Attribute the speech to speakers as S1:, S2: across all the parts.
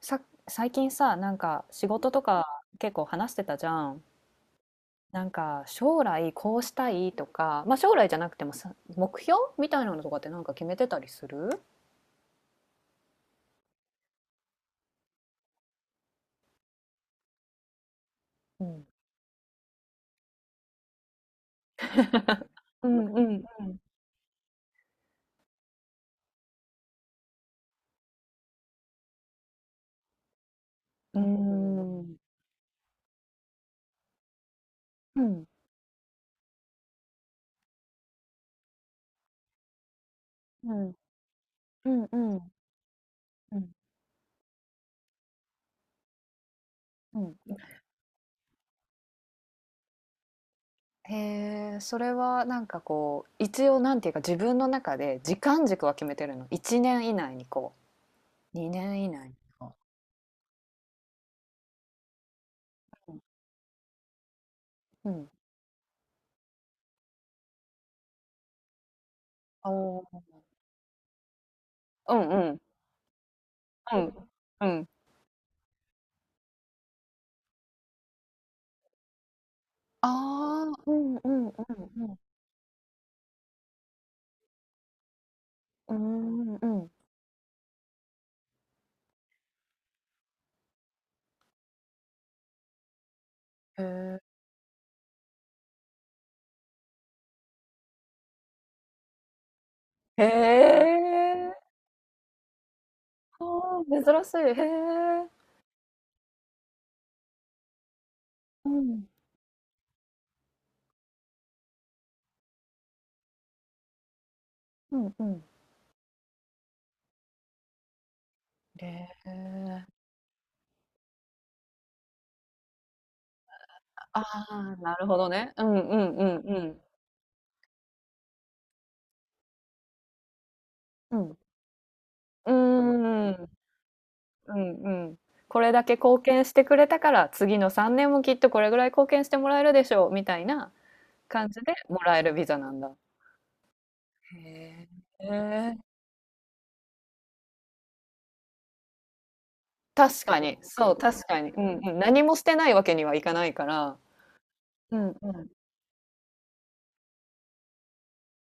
S1: さ、最近さ、なんか仕事とか結構話してたじゃん。なんか将来こうしたいとか、まあ将来じゃなくてもさ、目標みたいなのとかってなんか決めてたりする？うん。うんうんうんうん。うん。うん。うん。うん。うんうん。へえ、それはなんかこう、一応なんていうか自分の中で時間軸は決めてるの？1年以内にこう、2年以内にこう。うん。うん。おー、うんうん。うん。うん。ああ、うんうんうんうん。うーん、うん。へえ。へえ。ああ、珍しい。へえ。うん、うんうん。へえ。ああ、なるほどね。うんうんうんうん。うん。うーん、うんうん。これだけ貢献してくれたから、次の3年もきっとこれぐらい貢献してもらえるでしょう、みたいな感じでもらえるビザなんだ。へえ。へえ。確かに、そう、確かに。うんうん。何もしてないわけにはいかないから。うんうん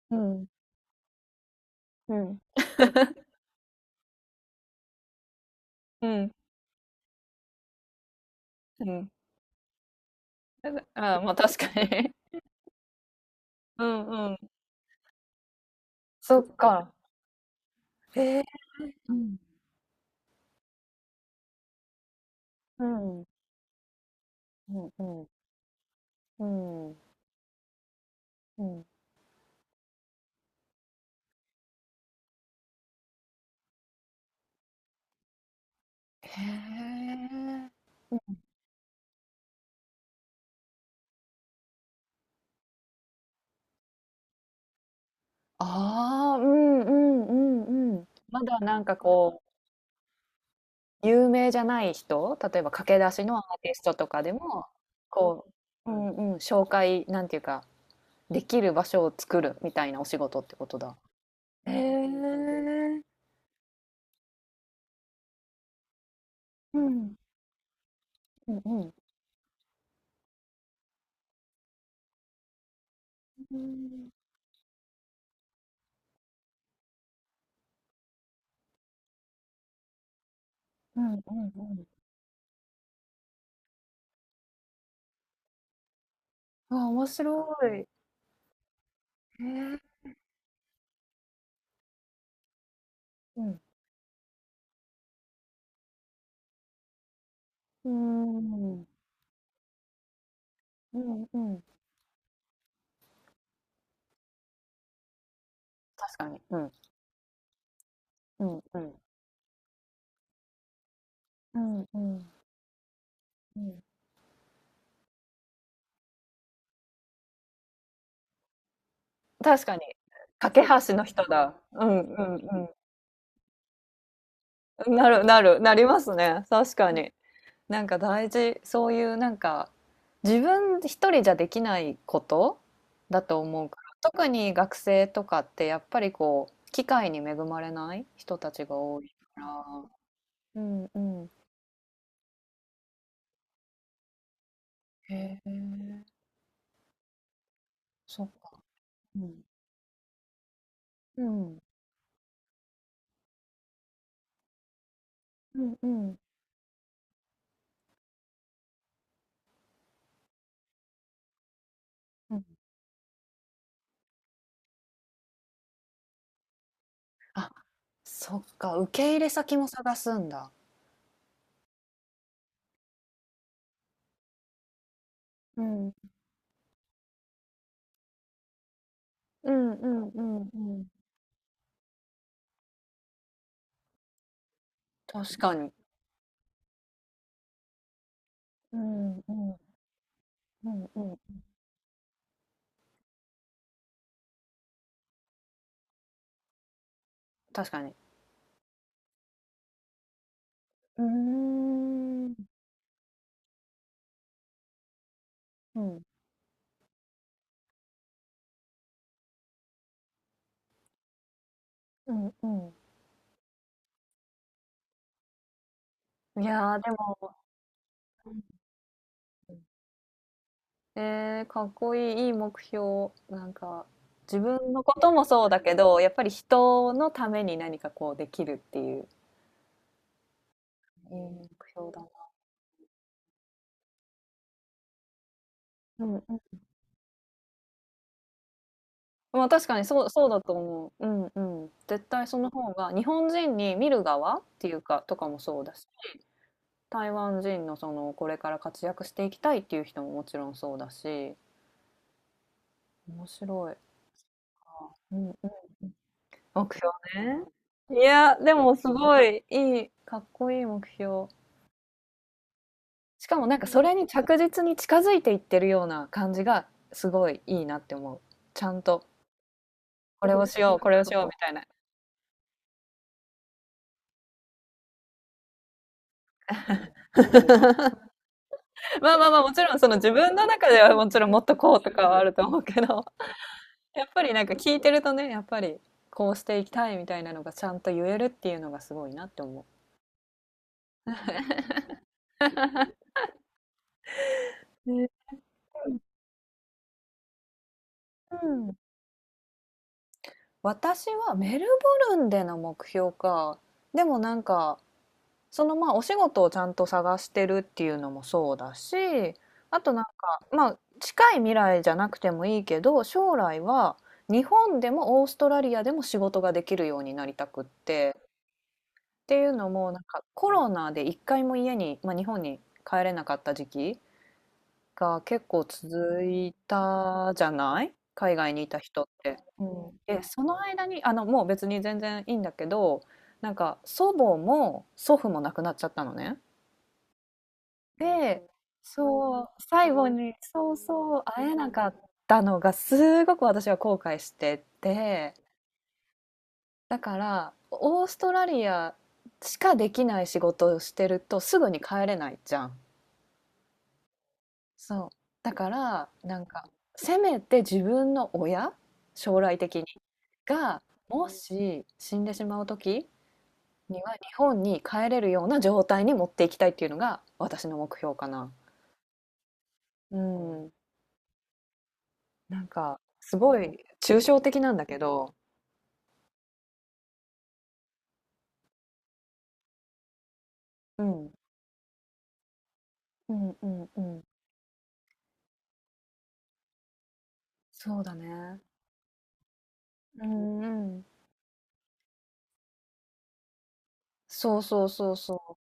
S1: うん。うん、うん。あだああ、まあ確かに。うんうん。そっか。ええ。うん。うん。うんうん。うん。うん。へえ。うん。ああ、うんうんうんうんうんうんああまあ確かに うんうんそっかえーうんうんうんうんうんへえああうんうんうんうん。まだなんかこう、有名じゃない人、例えば駆け出しのアーティストとかでも、こう、うんうん、紹介、なんていうか、できる場所を作るみたいなお仕事ってことだ。へえ。うん。うんうん、うーん。うんうんうん。あ、面白い。へえ。うん。うーん。うんうん。確かに。うん。うんうん。うんうん。うん。確かに。架け橋の人だ。うんうんうん。なるなる、なりますね。確かに。なんか大事。そういうなんか、自分一人じゃできないことだと思うから、特に学生とかってやっぱりこう、機会に恵まれない人たちが多いから。うんうん。へえ、そっか。うん。うん。うんうん。うん。あ、そっか、受け入れ先も探すんだ。うん。うんうんうんうん。確かに。うんうん。うんうん。確かに。うーん。うん。うんうん。いやー、でも、えーかっこいい、いい目標。なんか、自分のこともそうだけど、やっぱり人のために何かこうできるっていう、いい目標だな。うんうん。まあ、確かにそう、そうだと思う。うんうん。絶対その方が日本人に見る側っていうかとかもそうだし、台湾人のそのこれから活躍していきたいっていう人ももちろんそうだし、面白い。うんうん、目標ね。いや、でもすごいいい、かっこいい目標。しかもなんかそれに着実に近づいていってるような感じがすごいいいなって思う。ちゃんとこれをしよう、これをしようみたいな。まあまあまあ、もちろんその自分の中ではもちろんもっとこうとかはあると思うけど、やっぱりなんか聞いてるとね、やっぱりこうしていきたいみたいなのがちゃんと言えるっていうのがすごいなって思ね。う。ね。うん。私はメルボルンでの目標か。でもなんか、そのまあお仕事をちゃんと探してるっていうのもそうだし、あとなんか、まあ近い未来じゃなくてもいいけど、将来は日本でもオーストラリアでも仕事ができるようになりたくって。っていうのも、なんかコロナで一回も家に、まあ、日本に帰れなかった時期が結構続いたじゃない、海外にいた人って。うん、で、その間に、もう別に全然いいんだけど、なんか祖母も祖父も亡くなっちゃったのね。で、そう、最後に、そうそう、会えなかったのがすごく私は後悔してて、だから、オーストラリアしかできない仕事をしてるとすぐに帰れないじゃん。そう。だから、なんか、せめて自分の親、将来的に、が、もし死んでしまう時には日本に帰れるような状態に持っていきたいっていうのが私の目標かな。うん。なんか、すごい抽象的なんだけど、うん。うんうんうん。そうだね。うんうん。そうそうそうそう。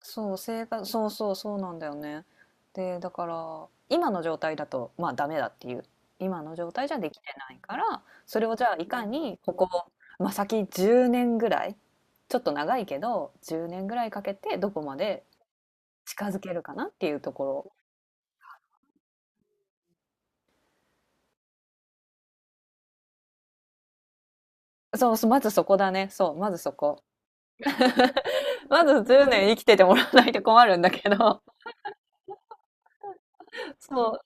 S1: そう、生活、そうそう、そうなんだよね。で、だから、今の状態だと、まあ、ダメだっていう。今の状態じゃできてないから、それをじゃあ、いかにここ、まあ、先10年ぐらい、ちょっと長いけど、10年ぐらいかけてどこまで近づけるかなっていうところ。そうそう、まずそこだね。そう、まずそこ。まず10年生きててもらわないと困るんだけど。そう、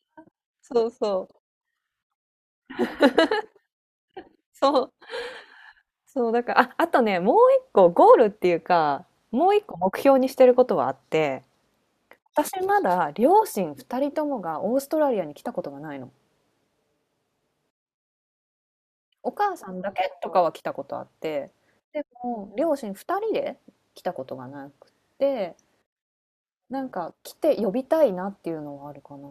S1: そうそう。そうそう、だから、あ、あとね、もう一個ゴールっていうか、もう一個目標にしてることはあって、私まだ両親二人ともがオーストラリアに来たことがないの。お母さんだけとかは来たことあって、でも両親二人で来たことがなくって、なんか来て呼びたいなっていうのはあるかな。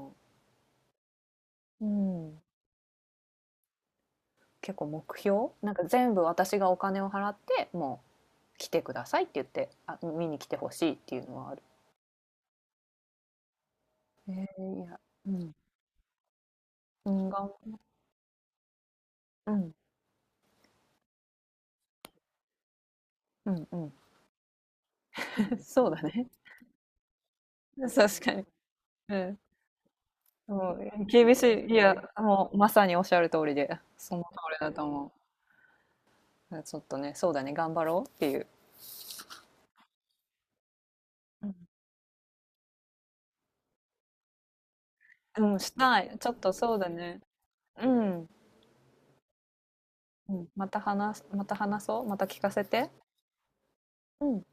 S1: うん。結構目標なんか全部私がお金を払って、もう来てくださいって言って、あ、見に来てほしいっていうのはある。えーいや、うん。うん、うん。うんうん。そうだね。確かに。うん。もう厳しい。いや、もうまさにおっしゃる通りで、その通りだと思う。ちょっとね、そうだね、頑張ろうっていう。うん、うん、したい。ちょっとそうだね。うん。うん、また話す、また話そう。また聞かせて。うん。